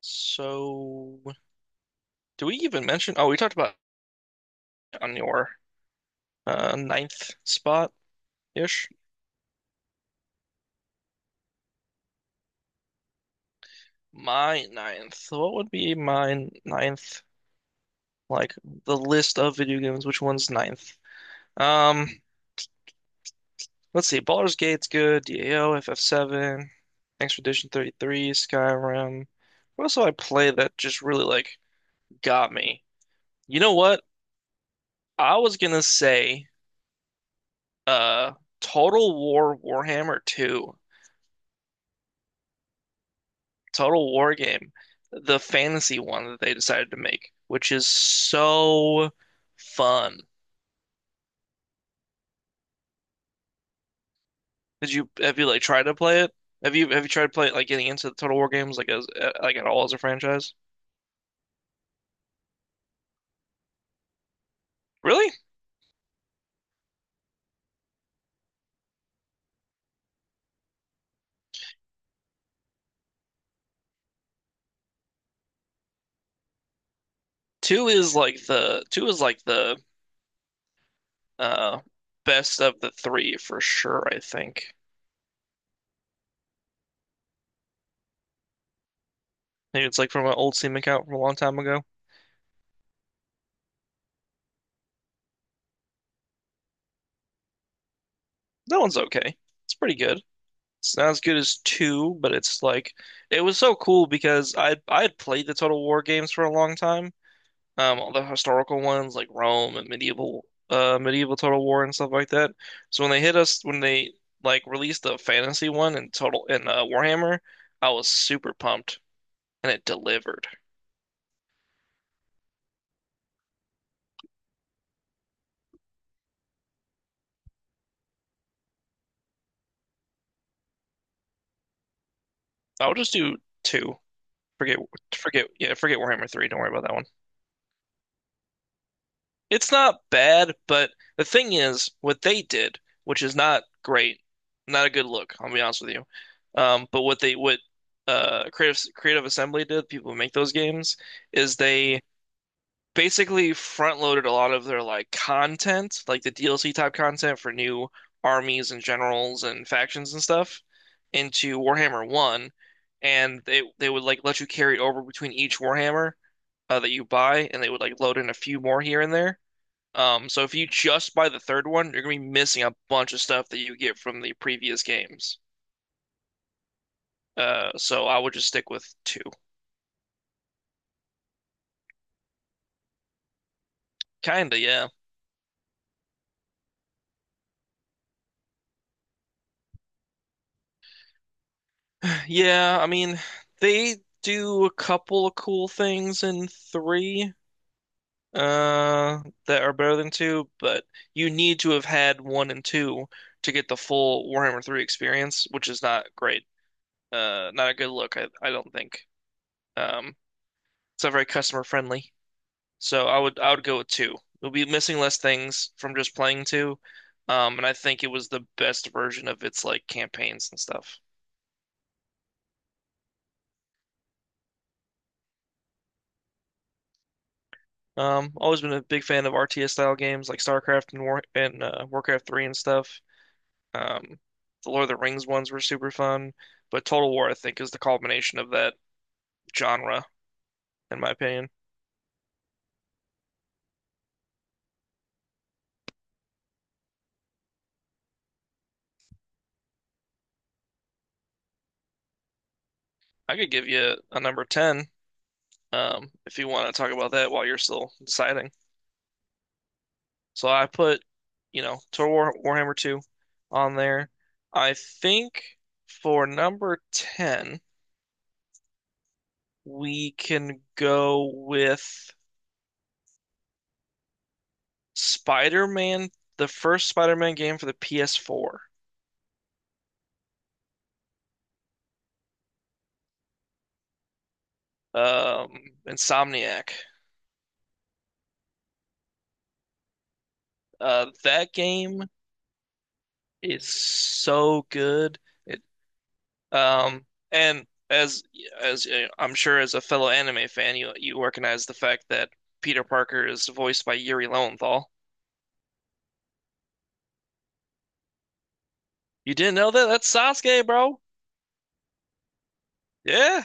So, do we even mention? Oh, we talked about on your ninth spot ish. My ninth. So what would be my ninth? Like the list of video games. Which one's ninth? Um, let's see. Baldur's Gate's good. DAO, FF7, Expedition 33, Skyrim. What else did I play that just really like got me? You know what? I was gonna say, uh, Total War Warhammer 2. Total War game, the fantasy one that they decided to make, which is so fun. Did you have you like tried to play it? Have you tried to play it like getting into the Total War games like as like at all as a franchise? Really? Two is like the uh best of the three for sure, I think. Maybe it's like from an old Steam account from a long time ago. That one's okay. It's pretty good. It's not as good as two, but it's like it was so cool because I'd played the Total War games for a long time all the historical ones like Rome and medieval medieval Total War and stuff like that. So when they like released the fantasy one in Warhammer, I was super pumped and it delivered. I'll just do two. Forget forget Warhammer 3. Don't worry about that one. It's not bad, but the thing is what they did, which is not great, not a good look, I'll be honest with you. But what they what Creative Assembly did, people who make those games, is they basically front loaded a lot of their like content, like the DLC type content for new armies and generals and factions and stuff into Warhammer 1, and they would like let you carry it over between each Warhammer that you buy, and they would like load in a few more here and there. So if you just buy the third one, you're gonna be missing a bunch of stuff that you get from the previous games. So I would just stick with two. Kinda, yeah. Yeah, I mean, they do a couple of cool things in three, uh, that are better than two, but you need to have had one and two to get the full Warhammer 3 experience, which is not great. Not a good look, I don't think. Um, it's not very customer friendly. So I would go with two. You'll be missing less things from just playing two. And I think it was the best version of its like campaigns and stuff. Always been a big fan of RTS style games like StarCraft and War and Warcraft 3 and stuff. Um, the Lord of the Rings ones were super fun, but Total War I think is the culmination of that genre, in my opinion. I could give you a number 10, if you want to talk about that while you're still deciding. So I put, you know, Total War Warhammer 2 on there. I think for number 10, we can go with Spider-Man, the first Spider-Man game for the PS4, um, Insomniac. That game is so good. It and as I'm sure as a fellow anime fan, you recognize the fact that Peter Parker is voiced by Yuri Lowenthal. You didn't know that? That's Sasuke, bro. Yeah.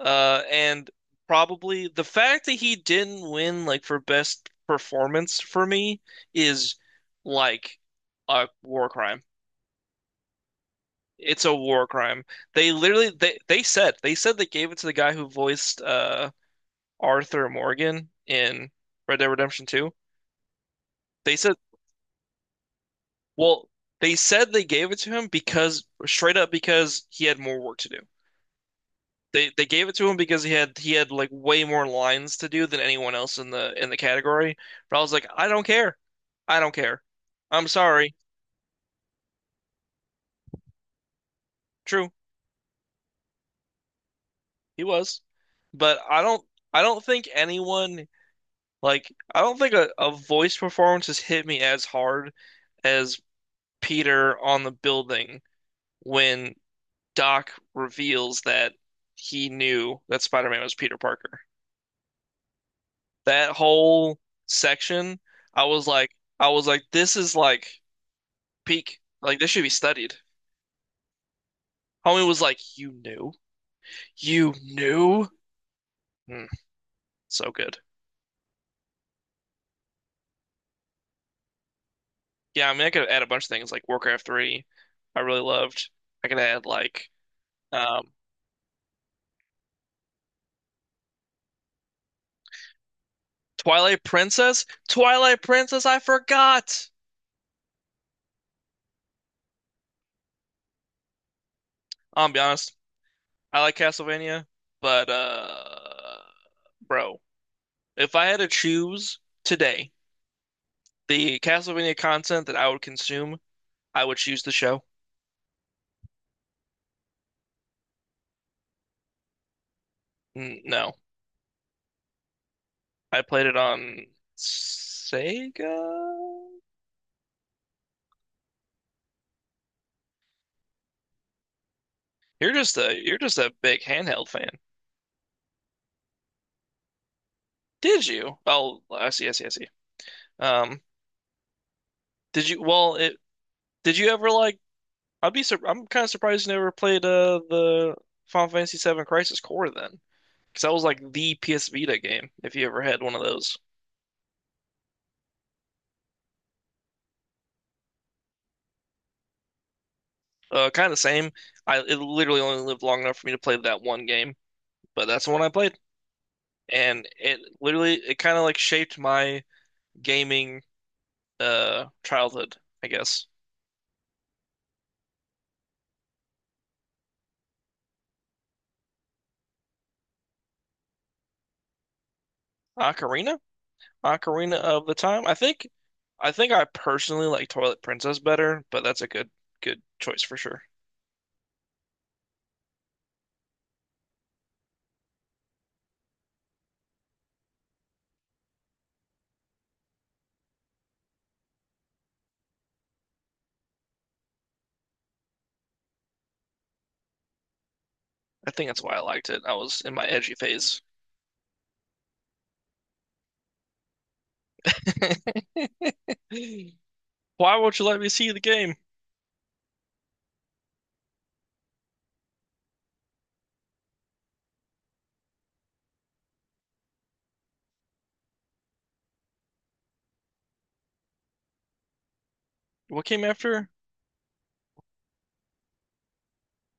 And probably the fact that he didn't win like for best performance for me is like a war crime. It's a war crime. They literally they said they gave it to the guy who voiced Arthur Morgan in Red Dead Redemption 2. They said well they said they gave it to him because straight up because he had more work to do. They gave it to him because he had like way more lines to do than anyone else in the category. But I was like, I don't care. I don't care. I'm sorry. True, he was. But I don't think anyone like I don't think a voice performance has hit me as hard as Peter on the building when Doc reveals that he knew that Spider-Man was Peter Parker. That whole section, I was like I was like, this is like peak. Like this should be studied. Homie was like, "You knew, you knew." Mm, so good. Yeah, I mean, I could add a bunch of things like Warcraft 3, I really loved. I could add like um, Twilight Princess. Twilight Princess, I forgot. I'll be honest, I like Castlevania, but bro, if I had to choose today the Castlevania content that I would consume, I would choose the show. No, I played it on Sega. You're just a big handheld fan. Did you? Oh, I see, I see. Um, did you? Well, it Did you ever like? I'm kind of surprised you never played the Final Fantasy VII Crisis Core then, because that was like the PS Vita game if you ever had one of those. Kind of the same. I It literally only lived long enough for me to play that one game, but that's the one I played, and it literally it kind of like shaped my gaming childhood, I guess. Ocarina? Ocarina of the Time. I think I personally like Twilight Princess better, but that's a good choice for sure. I think that's why I liked it. I was in my edgy phase. Why won't you let me see the game? What came after?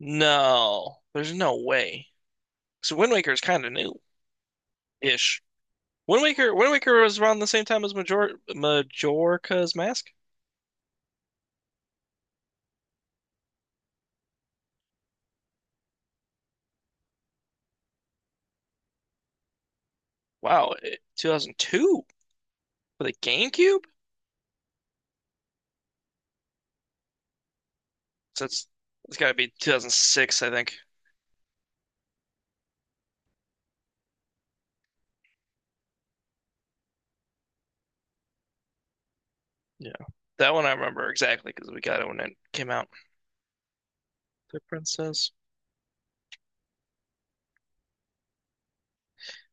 No, there's no way. So Wind Waker is kind of new ish. Wind Waker was around the same time as Majorca's Mask. 2002 for the GameCube? So it's got to be 2006, I think. Yeah. That one I remember exactly because we got it when it came out. The Princess.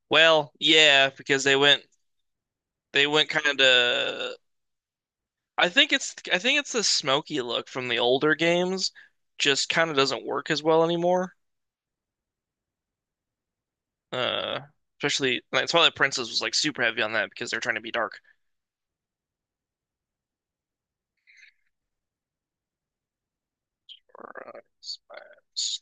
Well, yeah, because they went they went kind of I think it's the smoky look from the older games just kind of doesn't work as well anymore. Uh Especially like Twilight Princess was like super heavy on that because they're trying to be dark. Rise Mask.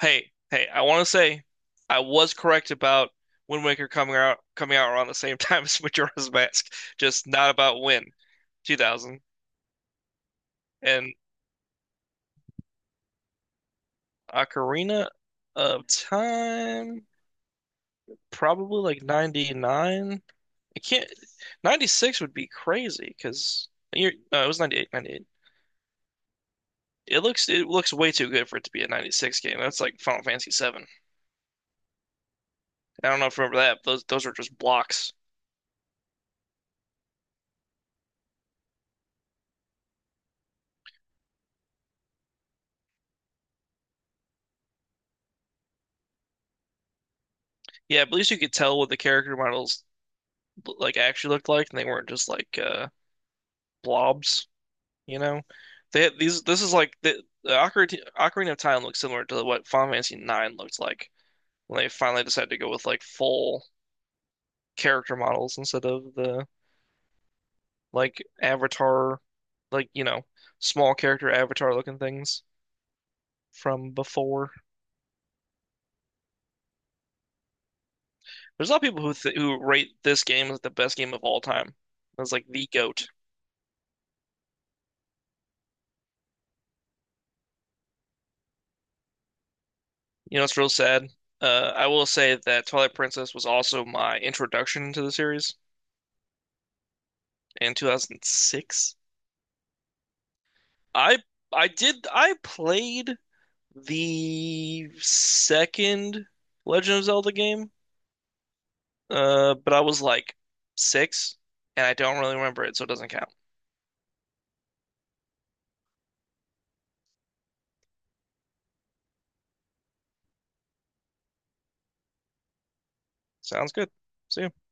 Hey, I want to say I was correct about Wind Waker coming out around the same time as Majora's Mask, just not about when. 2000. And Ocarina of Time, probably like 99. I can't, 96 would be crazy because no, it was 98, 98. It looks way too good for it to be a 96 game. That's like Final Fantasy 7. I don't know if you remember that, but those were just blocks. Yeah, but at least you could tell what the character models like actually looked like and they weren't just like blobs, you know? They had these this is like the Ocarina of Time looks similar to what Final Fantasy 9 looked like, when they finally decided to go with like full character models instead of the like avatar, like you know, small character avatar looking things from before. There's a lot of people who th who rate this game as the best game of all time. It's like the GOAT. You know, it's real sad. I will say that Twilight Princess was also my introduction to the series in 2006. I I played the second Legend of Zelda game. But I was like six, and I don't really remember it, so it doesn't count. Sounds good. See ya.